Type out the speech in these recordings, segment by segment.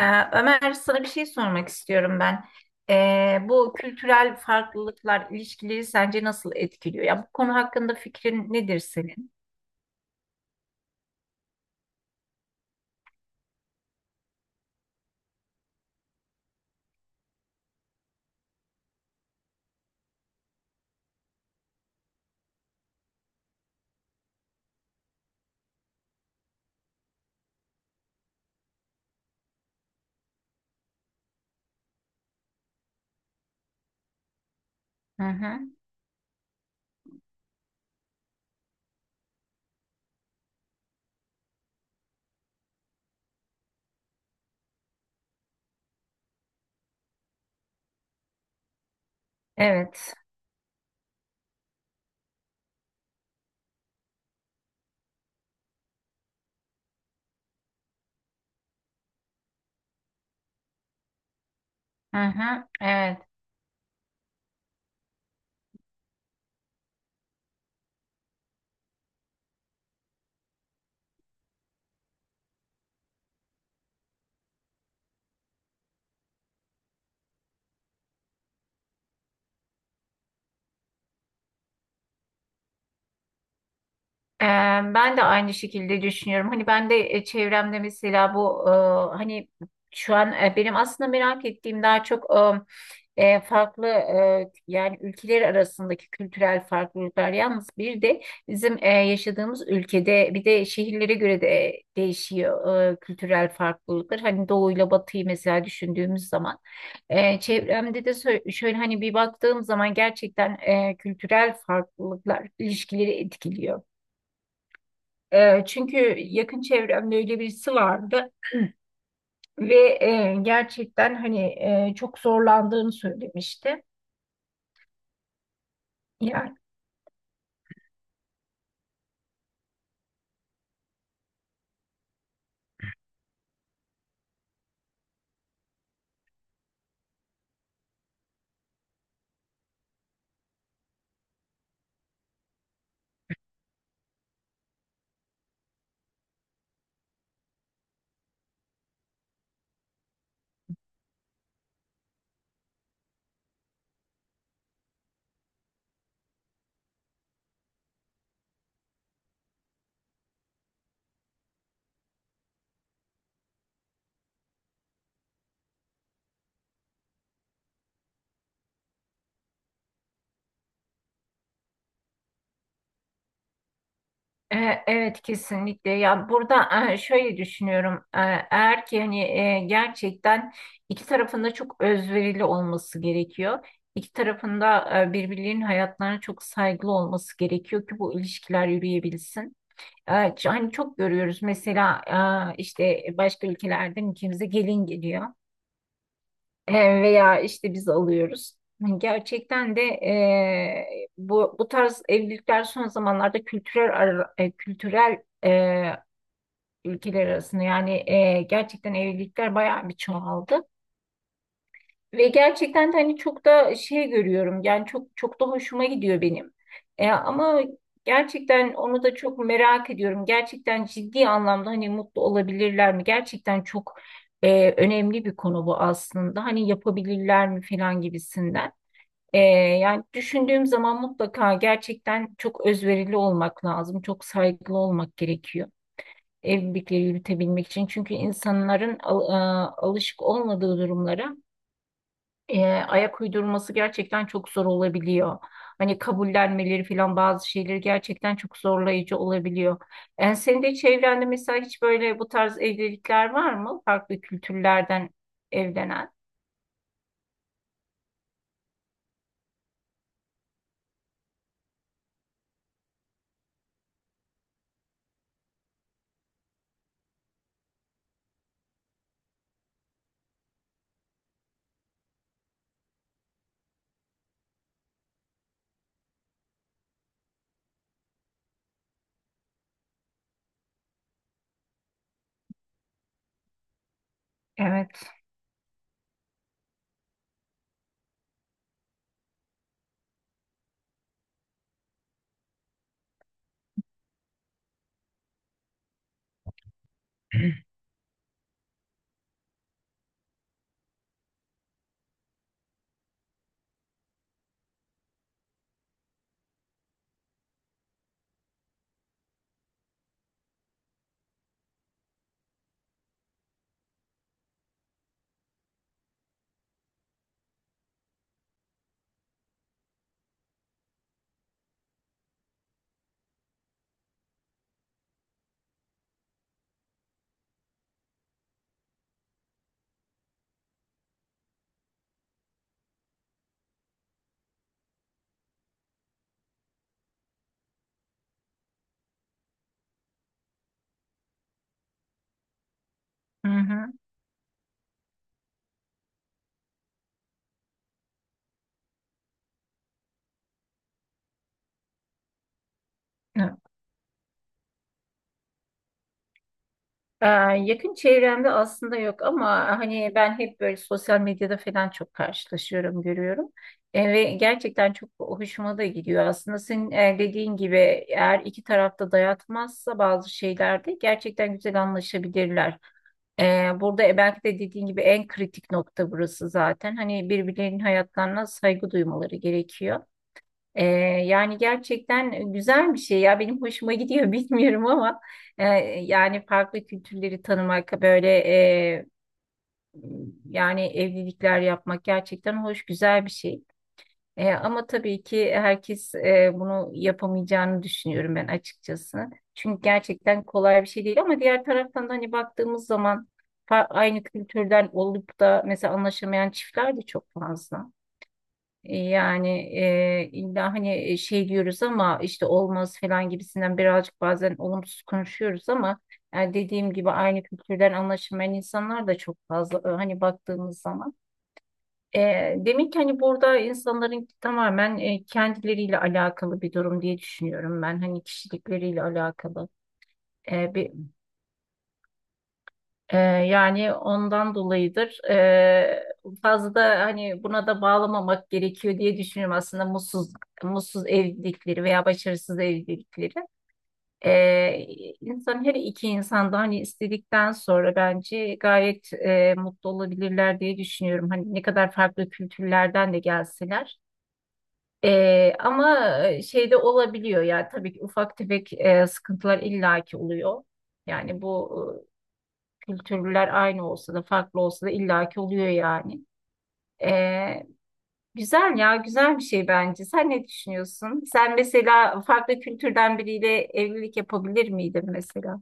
Ee, Ömer, sana bir şey sormak istiyorum ben. Bu kültürel farklılıklar ilişkileri sence nasıl etkiliyor? Ya bu konu hakkında fikrin nedir senin? Hı hı. Evet. Hı hı. Evet. Ee, Ben de aynı şekilde düşünüyorum. Hani ben de çevremde mesela bu e, hani şu an benim aslında merak ettiğim daha çok farklı yani ülkeler arasındaki kültürel farklılıklar. Yalnız bir de bizim yaşadığımız ülkede bir de şehirlere göre de değişiyor kültürel farklılıklar. Hani doğuyla batıyı mesela düşündüğümüz zaman çevremde de şöyle hani bir baktığım zaman gerçekten kültürel farklılıklar ilişkileri etkiliyor. Çünkü yakın çevremde öyle birisi vardı ve gerçekten hani çok zorlandığını söylemişti. Yani evet, kesinlikle. Ya burada şöyle düşünüyorum. Eğer ki hani gerçekten iki tarafında çok özverili olması gerekiyor. İki tarafında birbirlerinin hayatlarına çok saygılı olması gerekiyor ki bu ilişkiler yürüyebilsin. Hani çok görüyoruz mesela işte başka ülkelerden ülkemize gelin geliyor. E, Veya işte biz alıyoruz. Yani gerçekten de bu tarz evlilikler son zamanlarda kültürel ülkeler arasında yani gerçekten evlilikler bayağı bir çoğaldı. Ve gerçekten de hani çok da şey görüyorum yani çok da hoşuma gidiyor benim. Ama gerçekten onu da çok merak ediyorum. Gerçekten ciddi anlamda hani mutlu olabilirler mi? Gerçekten çok önemli bir konu bu aslında. Hani yapabilirler mi falan gibisinden. E, Yani düşündüğüm zaman mutlaka gerçekten çok özverili olmak lazım. Çok saygılı olmak gerekiyor. Evlilikleri yürütebilmek için. Çünkü alışık olmadığı durumlara ayak uydurması gerçekten çok zor olabiliyor. Hani kabullenmeleri falan bazı şeyleri gerçekten çok zorlayıcı olabiliyor. Yani senin de çevrende mesela hiç böyle bu tarz evlilikler var mı? Farklı kültürlerden evlenen. Evet. Hı hı. Ee, Yakın çevremde aslında yok ama hani ben hep böyle sosyal medyada falan çok karşılaşıyorum, görüyorum. Ve gerçekten çok hoşuma da gidiyor. Aslında senin dediğin gibi eğer iki tarafta dayatmazsa bazı şeylerde gerçekten güzel anlaşabilirler. Burada belki de dediğin gibi en kritik nokta burası zaten. Hani birbirlerinin hayatlarına saygı duymaları gerekiyor. Ee, Yani gerçekten güzel bir şey ya, benim hoşuma gidiyor bilmiyorum ama e, yani farklı kültürleri tanımak böyle yani evlilikler yapmak gerçekten hoş, güzel bir şey. Ama tabii ki herkes bunu yapamayacağını düşünüyorum ben açıkçası. Çünkü gerçekten kolay bir şey değil ama diğer taraftan da hani baktığımız zaman aynı kültürden olup da mesela anlaşamayan çiftler de çok fazla. Yani illa hani şey diyoruz ama işte olmaz falan gibisinden birazcık bazen olumsuz konuşuyoruz ama yani dediğim gibi aynı kültürden anlaşılmayan insanlar da çok fazla hani baktığımız zaman. Demek ki hani burada insanların tamamen kendileriyle alakalı bir durum diye düşünüyorum ben, hani kişilikleriyle alakalı. Yani ondan dolayıdır. Fazla hani buna da bağlamamak gerekiyor diye düşünüyorum aslında, mutsuz evlilikleri veya başarısız evlilikleri. Ee, insan her iki insan da hani istedikten sonra bence gayet mutlu olabilirler diye düşünüyorum. Hani ne kadar farklı kültürlerden de gelseler. Ama şey de olabiliyor yani tabii ki ufak tefek sıkıntılar illaki oluyor. Yani bu kültürler aynı olsa da farklı olsa da illaki oluyor yani. Ee, Güzel ya, güzel bir şey bence. Sen ne düşünüyorsun? Sen mesela farklı kültürden biriyle evlilik yapabilir miydin mesela? Hı.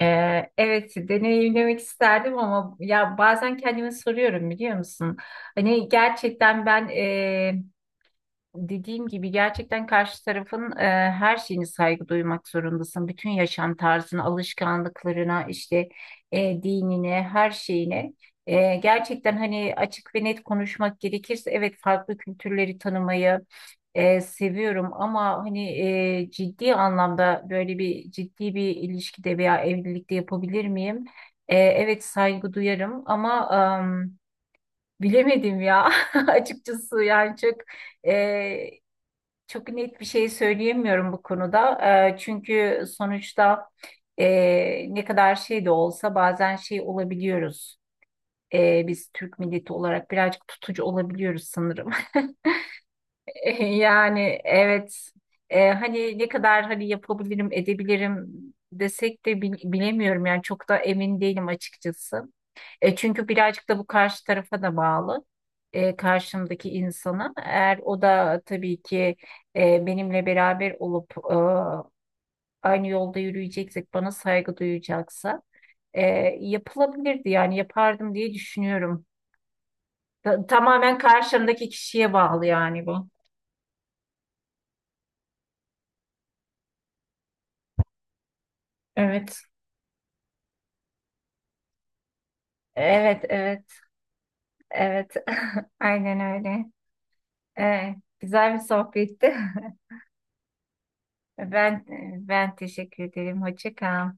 Evet, deneyimlemek isterdim ama ya bazen kendime soruyorum, biliyor musun? Hani gerçekten, ben dediğim gibi gerçekten karşı tarafın her şeyine saygı duymak zorundasın. Bütün yaşam tarzına, alışkanlıklarına, işte dinine, her şeyine. Gerçekten hani açık ve net konuşmak gerekirse evet, farklı kültürleri tanımayı seviyorum ama hani ciddi anlamda böyle bir ciddi bir ilişkide veya evlilikte yapabilir miyim? Evet, saygı duyarım ama em, bilemedim ya açıkçası, yani çok. e, Çok net bir şey söyleyemiyorum bu konuda. Çünkü sonuçta ne kadar şey de olsa bazen şey olabiliyoruz. Biz Türk milleti olarak birazcık tutucu olabiliyoruz sanırım. Yani evet. Hani ne kadar hani yapabilirim edebilirim desek de bilemiyorum yani, çok da emin değilim açıkçası. Çünkü birazcık da bu karşı tarafa da bağlı. Karşımdaki insana. Eğer o da tabii ki benimle beraber olup aynı yolda yürüyeceksek, bana saygı duyacaksa e, yapılabilirdi yani, yapardım diye düşünüyorum. Tamamen karşımdaki kişiye bağlı yani bu. Evet. Evet, evet. Evet, aynen öyle. Güzel bir sohbetti. Ben Ben teşekkür ederim. Hoşça kal.